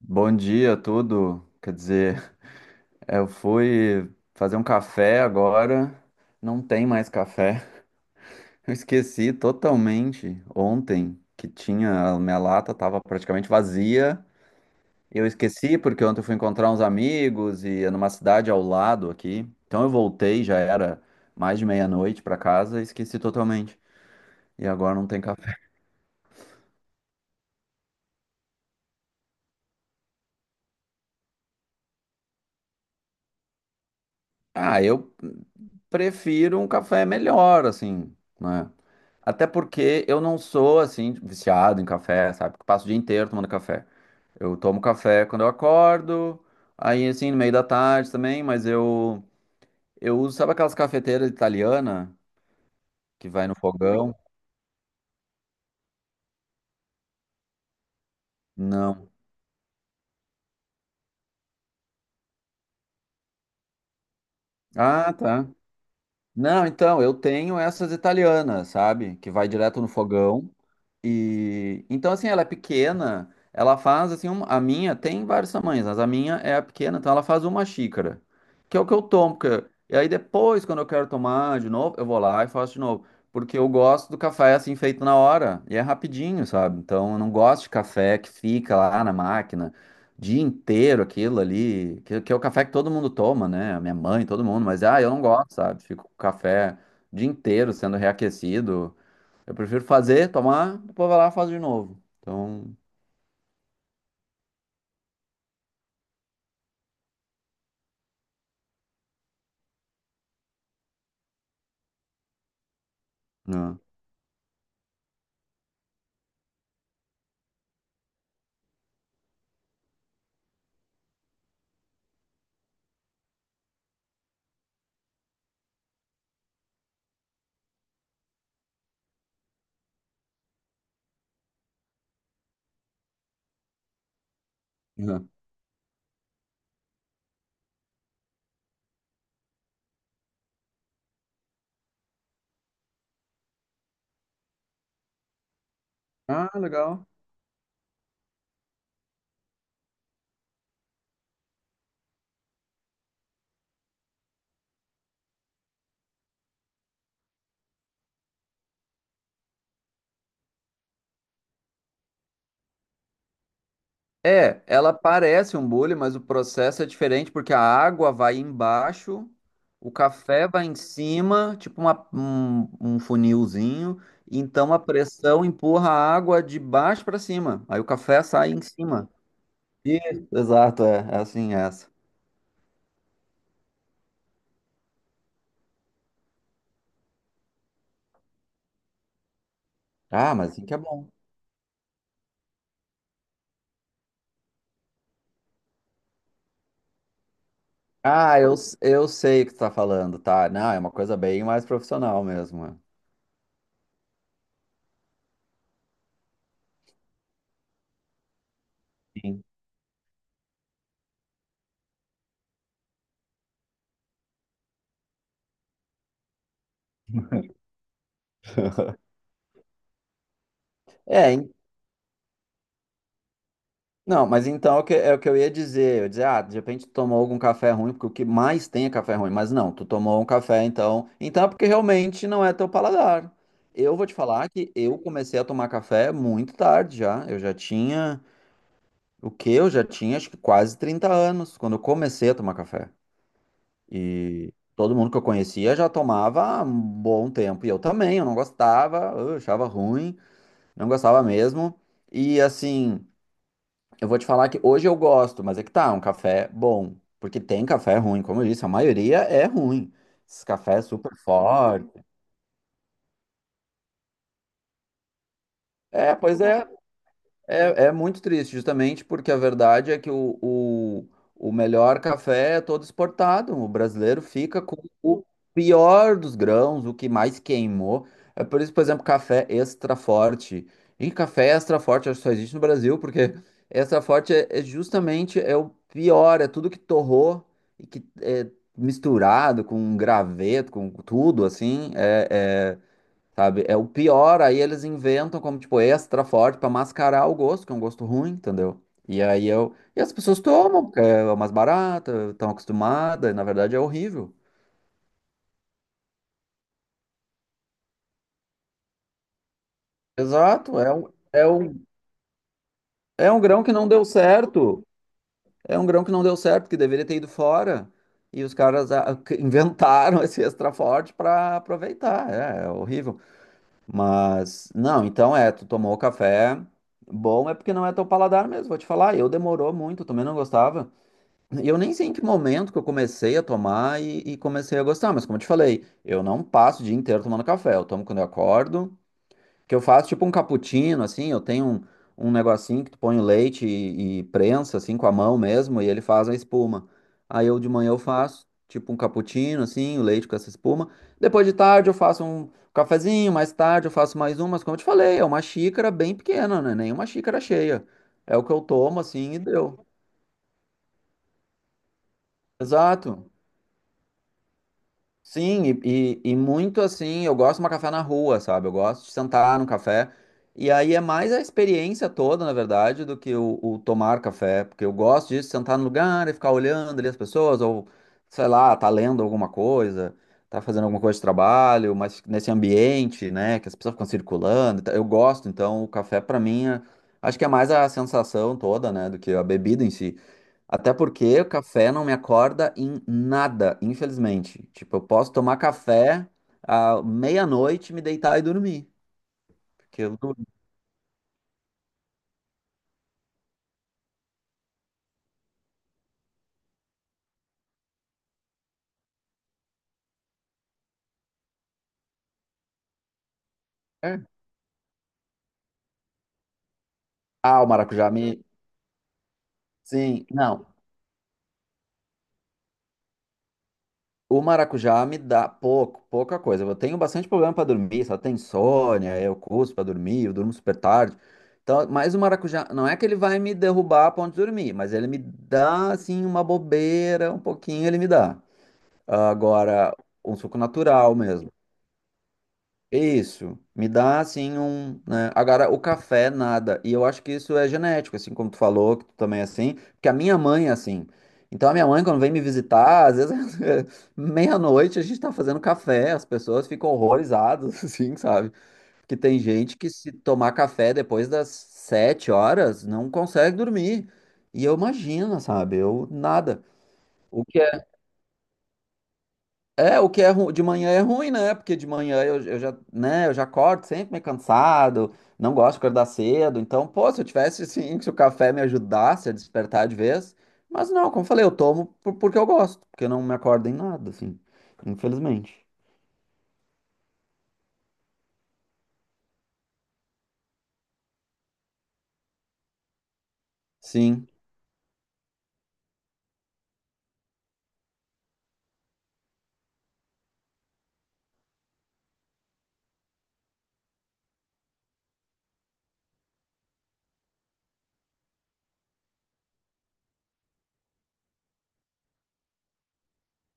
Bom dia a tudo. Quer dizer, eu fui fazer um café agora, não tem mais café. Eu esqueci totalmente ontem que tinha, a minha lata estava praticamente vazia. Eu esqueci porque ontem eu fui encontrar uns amigos e é numa cidade ao lado aqui. Então eu voltei, já era mais de meia-noite para casa e esqueci totalmente. E agora não tem café. Ah, eu prefiro um café melhor, assim, né? Até porque eu não sou, assim, viciado em café, sabe? Porque passo o dia inteiro tomando café. Eu tomo café quando eu acordo, aí, assim, no meio da tarde também, Eu uso, sabe aquelas cafeteiras italianas que vai no fogão? Não. Ah, tá. Não, então, eu tenho essas italianas, sabe? Que vai direto no fogão. E então, assim, ela é pequena, ela faz assim, a minha tem vários tamanhos, mas a minha é a pequena, então ela faz uma xícara, que é o que eu tomo. E aí depois, quando eu quero tomar de novo, eu vou lá e faço de novo. Porque eu gosto do café assim feito na hora. E é rapidinho, sabe? Então eu não gosto de café que fica lá na máquina dia inteiro aquilo ali, que é o café que todo mundo toma, né? A minha mãe, todo mundo, mas ah, eu não gosto, sabe? Fico com o café o dia inteiro sendo reaquecido. Eu prefiro fazer, tomar, depois vai lá e faz de novo. Então, né. Uhum. Ah, legal. É, ela parece um bule, mas o processo é diferente porque a água vai embaixo, o café vai em cima, tipo um funilzinho, então a pressão empurra a água de baixo para cima. Aí o café sai em cima. Isso, exato, é assim é essa. Ah, mas assim que é bom. Ah, eu sei o que tu tá falando, tá? Não, é uma coisa bem mais profissional mesmo. É, sim. É, en- não, mas então é o que eu ia dizer. Eu ia dizer, ah, de repente tu tomou algum café ruim, porque o que mais tem é café ruim. Mas não, tu tomou um café, então. Então é porque realmente não é teu paladar. Eu vou te falar que eu comecei a tomar café muito tarde já. Eu já tinha, o quê? Eu já tinha acho que quase 30 anos quando eu comecei a tomar café. E todo mundo que eu conhecia já tomava há um bom tempo. E eu também, eu não gostava, eu achava ruim, não gostava mesmo. E assim, eu vou te falar que hoje eu gosto, mas é que tá, um café bom. Porque tem café ruim, como eu disse, a maioria é ruim. Esses cafés super fortes. É, pois é. É muito triste, justamente porque a verdade é que o melhor café é todo exportado. O brasileiro fica com o pior dos grãos, o que mais queimou. É por isso, por exemplo, café extra forte. E café extra forte acho que só existe no Brasil, porque extra forte é justamente é o pior, é tudo que torrou e que é misturado com graveto, com tudo assim. Sabe? É o pior, aí eles inventam como, tipo, extra forte pra mascarar o gosto, que é um gosto ruim, entendeu? E aí eu. E as pessoas tomam, porque é mais barata, estão acostumadas, e na verdade é horrível. Exato, é um grão que não deu certo. É um grão que não deu certo, que deveria ter ido fora. E os caras ah, que inventaram esse extra forte pra aproveitar. É, é horrível. Mas, não, então é, tu tomou café. Bom, é porque não é teu paladar mesmo, vou te falar. Eu demorou muito, também não gostava. E eu nem sei em que momento que eu comecei a tomar e comecei a gostar, mas como eu te falei, eu não passo o dia inteiro tomando café. Eu tomo quando eu acordo, que eu faço tipo um cappuccino, assim. Eu tenho um negocinho que tu põe o leite e prensa, assim, com a mão mesmo, e ele faz a espuma. Aí eu de manhã eu faço tipo um cappuccino, assim, o leite com essa espuma. Depois de tarde eu faço um cafezinho, mais tarde eu faço mais um, mas como eu te falei, é uma xícara bem pequena, né? Nem uma xícara cheia. É o que eu tomo, assim, e deu. Exato. Sim, e muito assim, eu gosto de uma café na rua, sabe? Eu gosto de sentar no café. E aí é mais a experiência toda, na verdade, do que o tomar café, porque eu gosto disso, sentar no lugar e ficar olhando ali as pessoas, ou sei lá, tá lendo alguma coisa, tá fazendo alguma coisa de trabalho, mas nesse ambiente, né, que as pessoas ficam circulando. E tal. Eu gosto, então o café pra mim é acho que é mais a sensação toda, né, do que a bebida em si. Até porque o café não me acorda em nada, infelizmente. Tipo, eu posso tomar café à meia-noite, me deitar e dormir. Porque eu durmo. É. Ah, o maracujá me. Sim, não. O maracujá me dá pouco, pouca coisa. Eu tenho bastante problema para dormir, só tem insônia, eu curso para dormir, eu durmo super tarde. Então, mas o maracujá, não é que ele vai me derrubar a ponto de dormir, mas ele me dá, assim, uma bobeira, um pouquinho ele me dá. Agora, um suco natural mesmo. Isso, me dá assim um, né? Agora o café nada. E eu acho que isso é genético, assim como tu falou, que tu também é assim, porque a minha mãe é assim. Então a minha mãe quando vem me visitar, às vezes meia-noite a gente tá fazendo café, as pessoas ficam horrorizadas, assim, sabe? Que tem gente que se tomar café depois das 7 horas não consegue dormir. E eu imagino, sabe? Eu nada. O que é é, o que é ru... de manhã é ruim, né? Porque de manhã eu já, né, eu já acordo sempre meio cansado, não gosto de acordar cedo. Então, pô, se eu tivesse assim, se o café me ajudasse a despertar de vez, mas não, como eu falei, eu tomo porque eu gosto, porque eu não me acordo em nada, assim, infelizmente. Sim.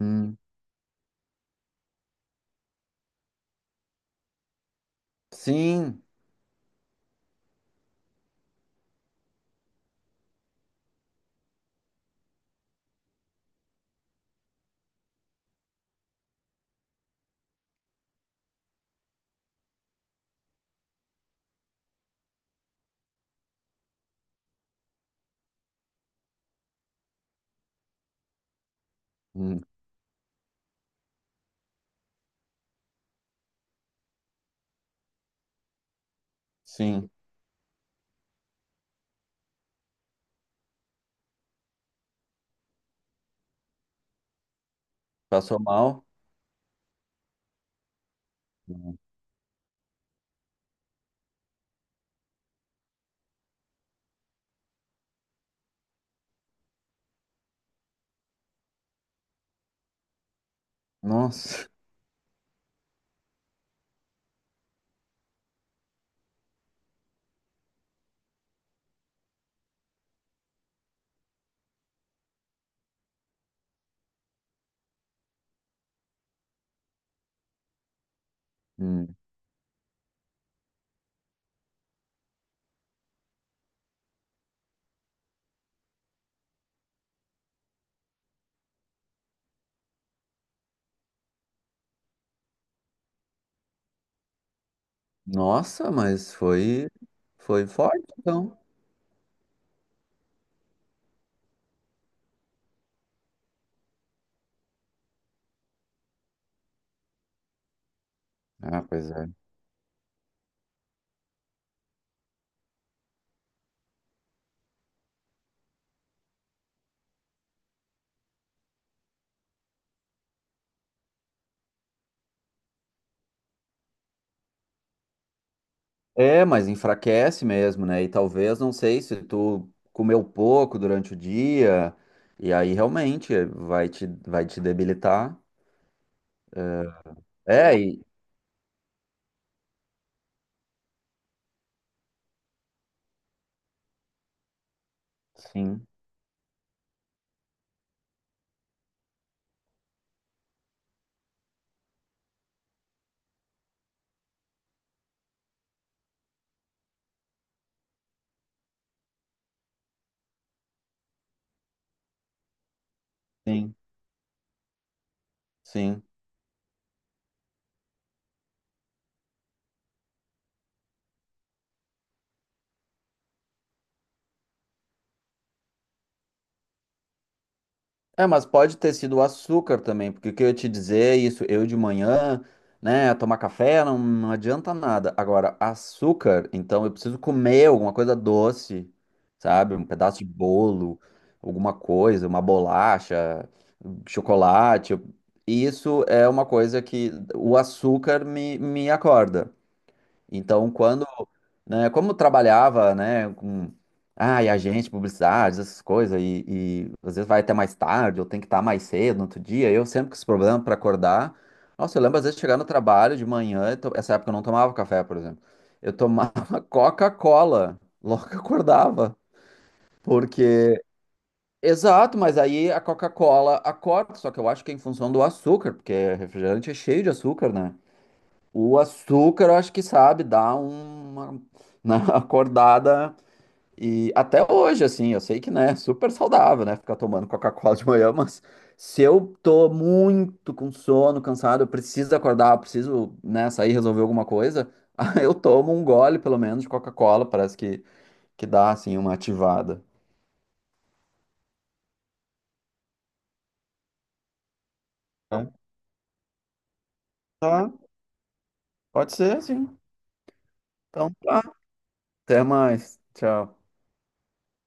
Hum. Sim. Hum. Sim. Passou mal. Hum. Nossa. Hum. Nossa, mas foi forte, então. Ah, pois é. É, mas enfraquece mesmo, né? E talvez, não sei, se tu comeu pouco durante o dia, e aí realmente vai te debilitar. É, e sim, sim, sim. É, mas pode ter sido o açúcar também, porque o que eu ia te dizer é isso, eu de manhã, né, tomar café não, não adianta nada. Agora, açúcar, então eu preciso comer alguma coisa doce, sabe? Um pedaço de bolo, alguma coisa, uma bolacha, chocolate. E isso é uma coisa que o açúcar me acorda. Então, quando, né, como eu trabalhava, né, com, ah, e agente, publicidade, essas coisas, e às vezes vai até mais tarde, ou tem que estar mais cedo no outro dia, eu sempre com esse problema para acordar. Nossa, eu lembro às vezes chegar no trabalho de manhã, essa época eu não tomava café, por exemplo. Eu tomava Coca-Cola logo que acordava, porque. Exato, mas aí a Coca-Cola acorda, só que eu acho que é em função do açúcar, porque refrigerante é cheio de açúcar, né? O açúcar, eu acho que sabe, dá uma, né, acordada. E até hoje, assim, eu sei que, né, super saudável, né, ficar tomando Coca-Cola de manhã, mas se eu tô muito com sono, cansado, eu preciso acordar, eu preciso, né, sair resolver alguma coisa, aí eu tomo um gole, pelo menos, de Coca-Cola, parece que dá, assim, uma ativada. Então, tá, pode ser, sim. Então, tá. Até mais. Tchau.